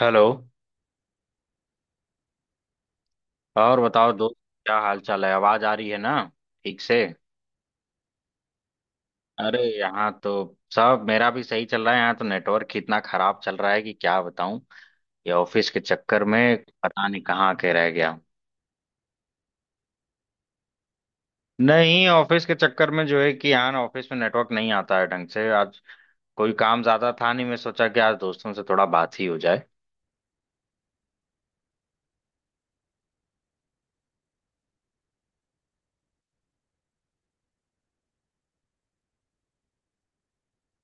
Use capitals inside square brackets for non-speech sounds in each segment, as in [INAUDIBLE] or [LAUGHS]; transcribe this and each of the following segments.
Hello. और बताओ दोस्त, क्या हाल चाल है? आवाज आ रही है ना, ठीक से? अरे यहाँ तो सब, मेरा भी सही चल रहा है। यहाँ तो नेटवर्क ही इतना खराब चल रहा है कि क्या बताऊं। ये ऑफिस के चक्कर में पता नहीं कहाँ के रह गया। नहीं, ऑफिस के चक्कर में जो है कि यहाँ ना ऑफिस में नेटवर्क नहीं आता है ढंग से। आज कोई काम ज्यादा था नहीं, मैं सोचा कि आज दोस्तों से थोड़ा बात ही हो जाए।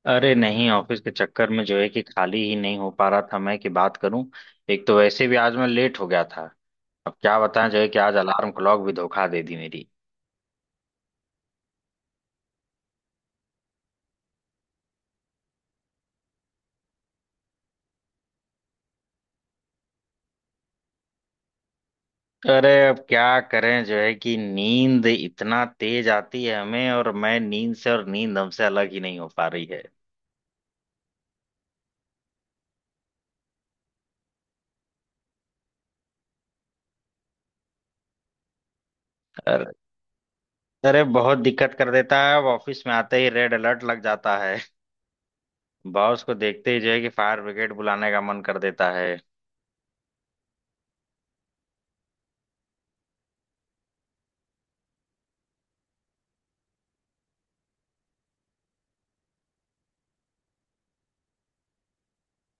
अरे नहीं, ऑफिस के चक्कर में जो है कि खाली ही नहीं हो पा रहा था मैं कि बात करूं। एक तो वैसे भी आज मैं लेट हो गया था। अब क्या बताएं, जो है कि आज अलार्म क्लॉक भी धोखा दे दी मेरी। अरे अब क्या करें, जो है कि नींद इतना तेज आती है हमें, और मैं नींद से और नींद हमसे अलग ही नहीं हो पा रही है। अरे, अरे बहुत दिक्कत कर देता है। अब ऑफिस में आते ही रेड अलर्ट लग जाता है। बॉस को देखते ही जो है कि फायर ब्रिगेड बुलाने का मन कर देता है।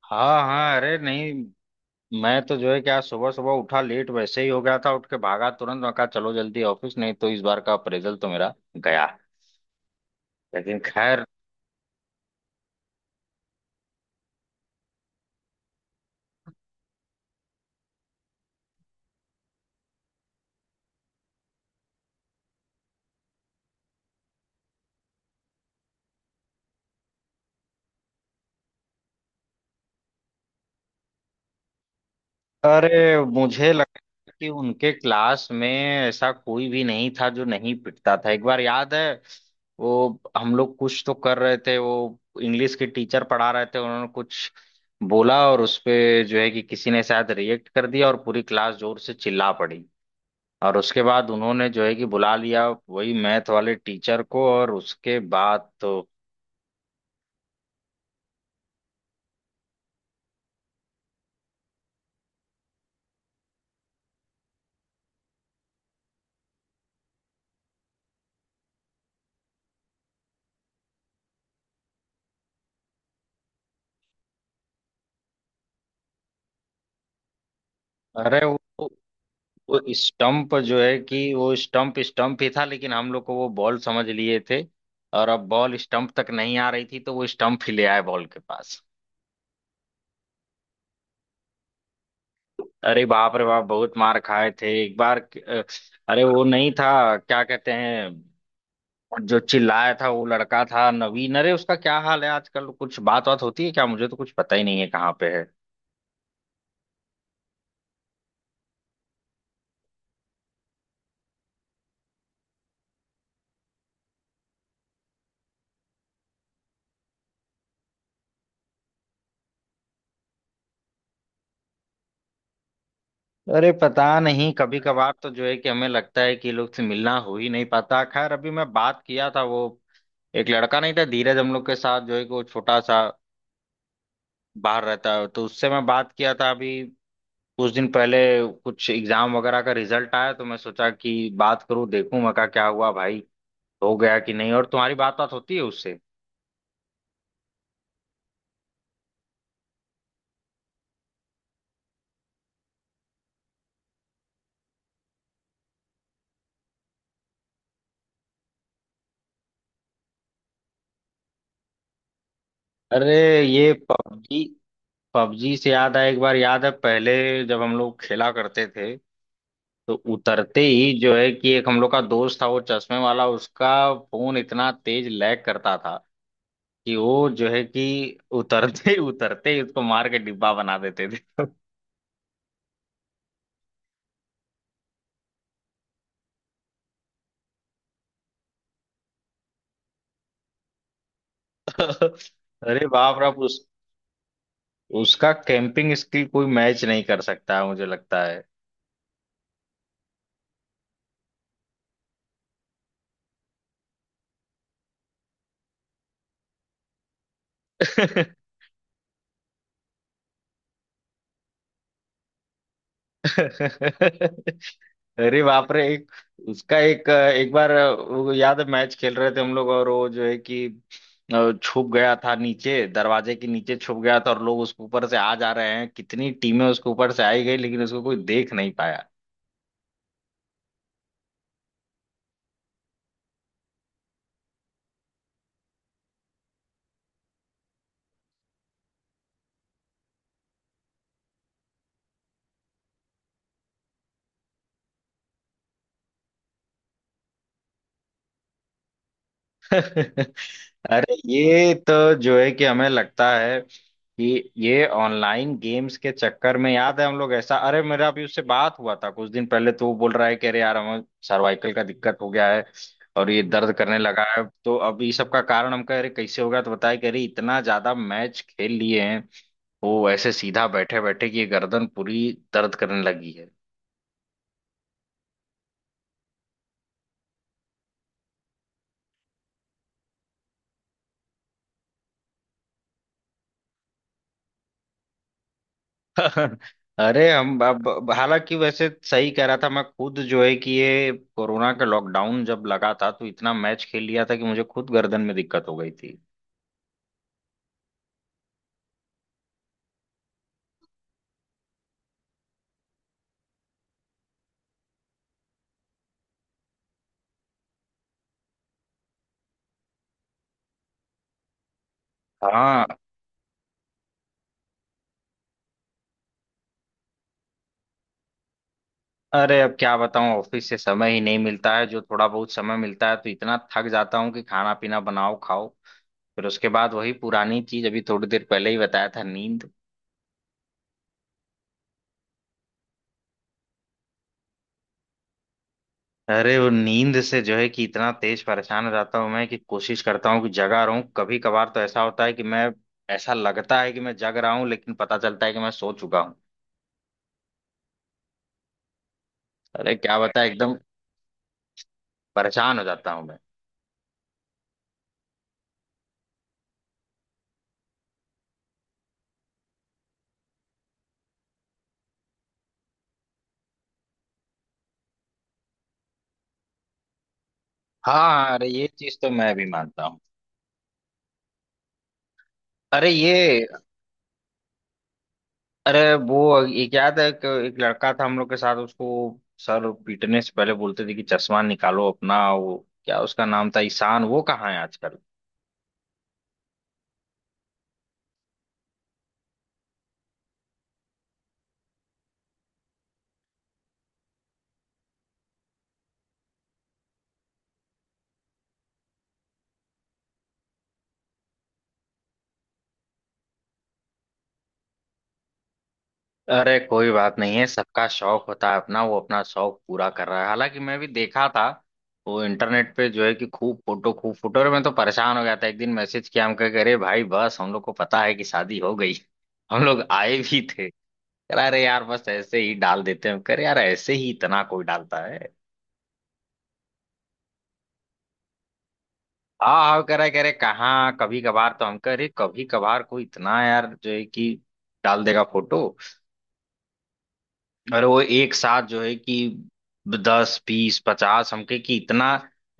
हाँ हाँ, अरे नहीं। मैं तो जो है कि आज सुबह सुबह उठा, लेट वैसे ही हो गया था, उठ के भागा तुरंत। मैं कहा चलो जल्दी ऑफिस, नहीं तो इस बार का अप्रेजल तो मेरा गया। लेकिन खैर। अरे मुझे लगता है कि उनके क्लास में ऐसा कोई भी नहीं था जो नहीं पिटता था। एक बार याद है, वो हम लोग कुछ तो कर रहे थे, वो इंग्लिश के टीचर पढ़ा रहे थे। उन्होंने कुछ बोला और उस पे जो है कि किसी ने शायद रिएक्ट कर दिया, और पूरी क्लास जोर से चिल्ला पड़ी। और उसके बाद उन्होंने जो है कि बुला लिया वही मैथ वाले टीचर को, और उसके बाद तो। अरे वो स्टंप पर जो है कि वो स्टंप स्टंप ही था, लेकिन हम लोग को वो बॉल समझ लिए थे। और अब बॉल स्टंप तक नहीं आ रही थी तो वो स्टंप ही ले आए बॉल के पास। अरे बाप रे बाप, बहुत मार खाए थे एक बार। अरे वो नहीं था क्या कहते हैं, जो चिल्लाया था वो लड़का था नवीन। अरे उसका क्या हाल है आजकल? कुछ बात बात होती है क्या? मुझे तो कुछ पता ही नहीं है कहाँ पे है। अरे पता नहीं, कभी कभार तो जो है कि हमें लगता है कि ये लोग से मिलना हो ही नहीं पाता। खैर, अभी मैं बात किया था वो, एक लड़का नहीं था धीरज हम लोग के साथ, जो है कि वो छोटा सा बाहर रहता है, तो उससे मैं बात किया था अभी, कुछ दिन पहले। कुछ एग्जाम वगैरह का रिजल्ट आया तो मैं सोचा कि बात करूं देखूं। मैं कहा क्या हुआ भाई, हो गया कि नहीं? और तुम्हारी बात बात होती है उससे? अरे ये पबजी, पबजी से याद है एक बार। याद है पहले जब हम लोग खेला करते थे, तो उतरते ही जो है कि, एक हम लोग का दोस्त था वो चश्मे वाला, उसका फोन इतना तेज लैग करता था कि वो जो है कि उतरते ही उसको मार के डिब्बा बना देते थे। [LAUGHS] अरे बाप रे उस, उसका कैंपिंग स्किल कोई मैच नहीं कर सकता है मुझे लगता है। [LAUGHS] अरे बाप रे एक, उसका एक एक बार वो याद है, मैच खेल रहे थे हम लोग और वो जो है कि छुप गया था नीचे, दरवाजे के नीचे छुप गया था, और लोग उसके ऊपर से आ जा रहे हैं, कितनी टीमें उसके ऊपर से आई गई लेकिन उसको कोई देख नहीं। [LAUGHS] अरे ये तो जो है कि हमें लगता है कि ये ऑनलाइन गेम्स के चक्कर में, याद है हम लोग ऐसा। अरे मेरा अभी उससे बात हुआ था कुछ दिन पहले, तो वो बोल रहा है कि अरे यार हमें सर्वाइकल का दिक्कत हो गया है, और ये दर्द करने लगा है। तो अब ये सब का कारण हम कह रहे कैसे हो गया, तो बताया कि अरे इतना ज्यादा मैच खेल लिए हैं वो, ऐसे सीधा बैठे बैठे कि ये गर्दन पूरी दर्द करने लगी है। [LAUGHS] अरे हम हालांकि वैसे सही कह रहा था। मैं खुद जो है कि ये कोरोना का लॉकडाउन जब लगा था तो इतना मैच खेल लिया था कि मुझे खुद गर्दन में दिक्कत हो गई थी। हाँ। अरे अब क्या बताऊं, ऑफिस से समय ही नहीं मिलता है। जो थोड़ा बहुत समय मिलता है तो इतना थक जाता हूँ कि खाना पीना बनाओ खाओ, फिर उसके बाद वही पुरानी चीज, अभी थोड़ी देर पहले ही बताया था, नींद। अरे वो नींद से जो है कि इतना तेज परेशान हो जाता हूँ मैं कि कोशिश करता हूँ कि जगा रहूं। कभी कभार तो ऐसा होता है कि मैं, ऐसा लगता है कि मैं जग रहा हूँ लेकिन पता चलता है कि मैं सो चुका हूँ। अरे क्या बता, एकदम परेशान हो जाता हूँ मैं। हाँ हाँ, अरे ये चीज तो मैं भी मानता हूँ। अरे ये। अरे वो एक याद है कि एक लड़का था हम लोग के साथ, उसको सर पीटने से पहले बोलते थे कि चश्मा निकालो अपना, वो क्या उसका नाम था, ईशान। वो कहाँ है आजकल? अरे कोई बात नहीं है, सबका शौक होता है अपना, वो अपना शौक पूरा कर रहा है। हालांकि मैं भी देखा था वो इंटरनेट पे जो है कि खूब फोटो खूब फोटो, और मैं तो परेशान हो गया था। एक दिन मैसेज किया हम कह के, अरे भाई बस, हम लोग को पता है कि शादी हो गई। [LAUGHS] हम लोग आए भी थे। कह रहा अरे यार बस ऐसे ही डाल देते हैं। हम कह रहे यार, ऐसे ही इतना कोई डालता है? हाँ हाँ, कह रहा है, कह रहे कहाँ कभी कभार? तो हम कह रहे कभी कभार कोई इतना, यार जो है कि डाल देगा फोटो, और वो एक साथ जो है कि 10 20 50 हमके, कि इतना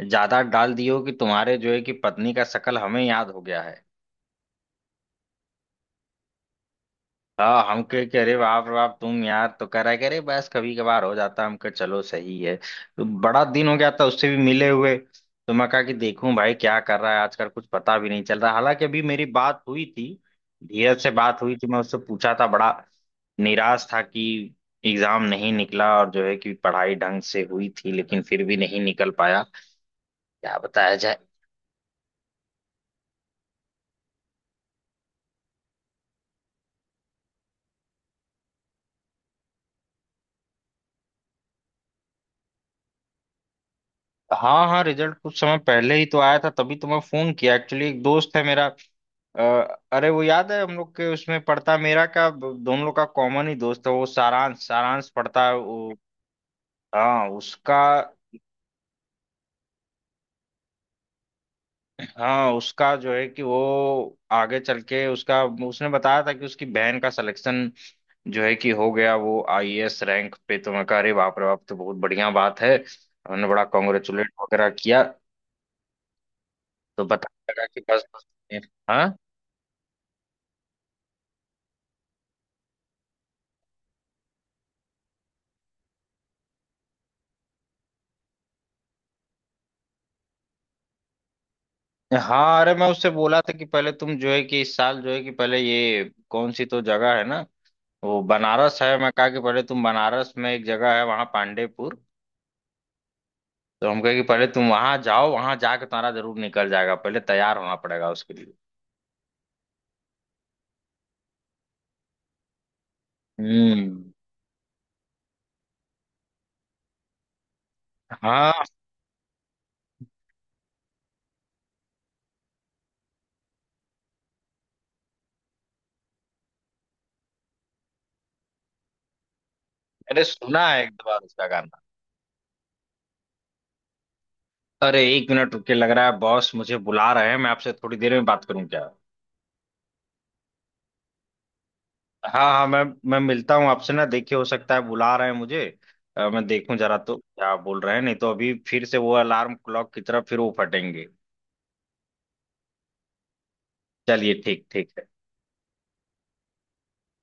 ज्यादा डाल दियो कि तुम्हारे जो है कि पत्नी का शकल हमें याद हो गया है। हाँ हम के कह रहे बाप रे बाप तुम यार, तो कह रहा करे बस कभी कभार हो जाता है। हम कहे चलो सही है। तो बड़ा दिन हो गया था उससे भी मिले हुए, तो मैं कहा कि देखूं भाई क्या कर रहा है आजकल, कुछ पता भी नहीं चल रहा। हालांकि अभी मेरी बात हुई थी, धीरज से बात हुई थी, मैं उससे पूछा था। बड़ा निराश था कि एग्जाम नहीं निकला, और जो है कि पढ़ाई ढंग से हुई थी लेकिन फिर भी नहीं निकल पाया। क्या बताया जाए। हाँ हाँ, रिजल्ट कुछ समय पहले ही तो आया था, तभी तो मैं फोन किया। एक्चुअली एक दोस्त है मेरा, अ, अरे वो याद है हम लोग के उसमें पढ़ता, मेरा का दोनों लोग का कॉमन ही दोस्त है वो, सारांश सारांश पढ़ता है वो। हाँ उसका हाँ उसका जो है कि वो आगे चल के उसका, उसने बताया था कि उसकी बहन का सिलेक्शन जो है कि हो गया वो आईएएस रैंक पे। तो मैं कह अरे बाप रे बाप तो बहुत बढ़िया बात है, उन्होंने बड़ा कॉन्ग्रेचुलेट वगैरह किया। तो बताने लगा कि बस बस ये- हाँ हाँ। अरे मैं उससे बोला था कि पहले तुम जो है कि इस साल जो है कि, पहले ये कौन सी तो जगह है ना, वो बनारस है। मैं कहा कि पहले तुम बनारस में एक जगह है वहां पांडेपुर, तो हम कहे कि पहले तुम वहां जाओ, वहां जाके तुम्हारा जरूर निकल जाएगा, पहले तैयार होना पड़ेगा उसके लिए। हम्म। हाँ, मैंने सुना है एक दो बार उसका गाना। अरे एक मिनट रुके, लग रहा है बॉस मुझे बुला रहे हैं, मैं आपसे थोड़ी देर में बात करूं क्या? हाँ हाँ, मैं मिलता हूँ आपसे ना, देखिए हो सकता है बुला रहे हैं मुझे। मैं देखूं जरा तो क्या बोल रहे हैं, नहीं तो अभी फिर से वो अलार्म क्लॉक की तरफ फिर वो फटेंगे। चलिए ठीक, ठीक है।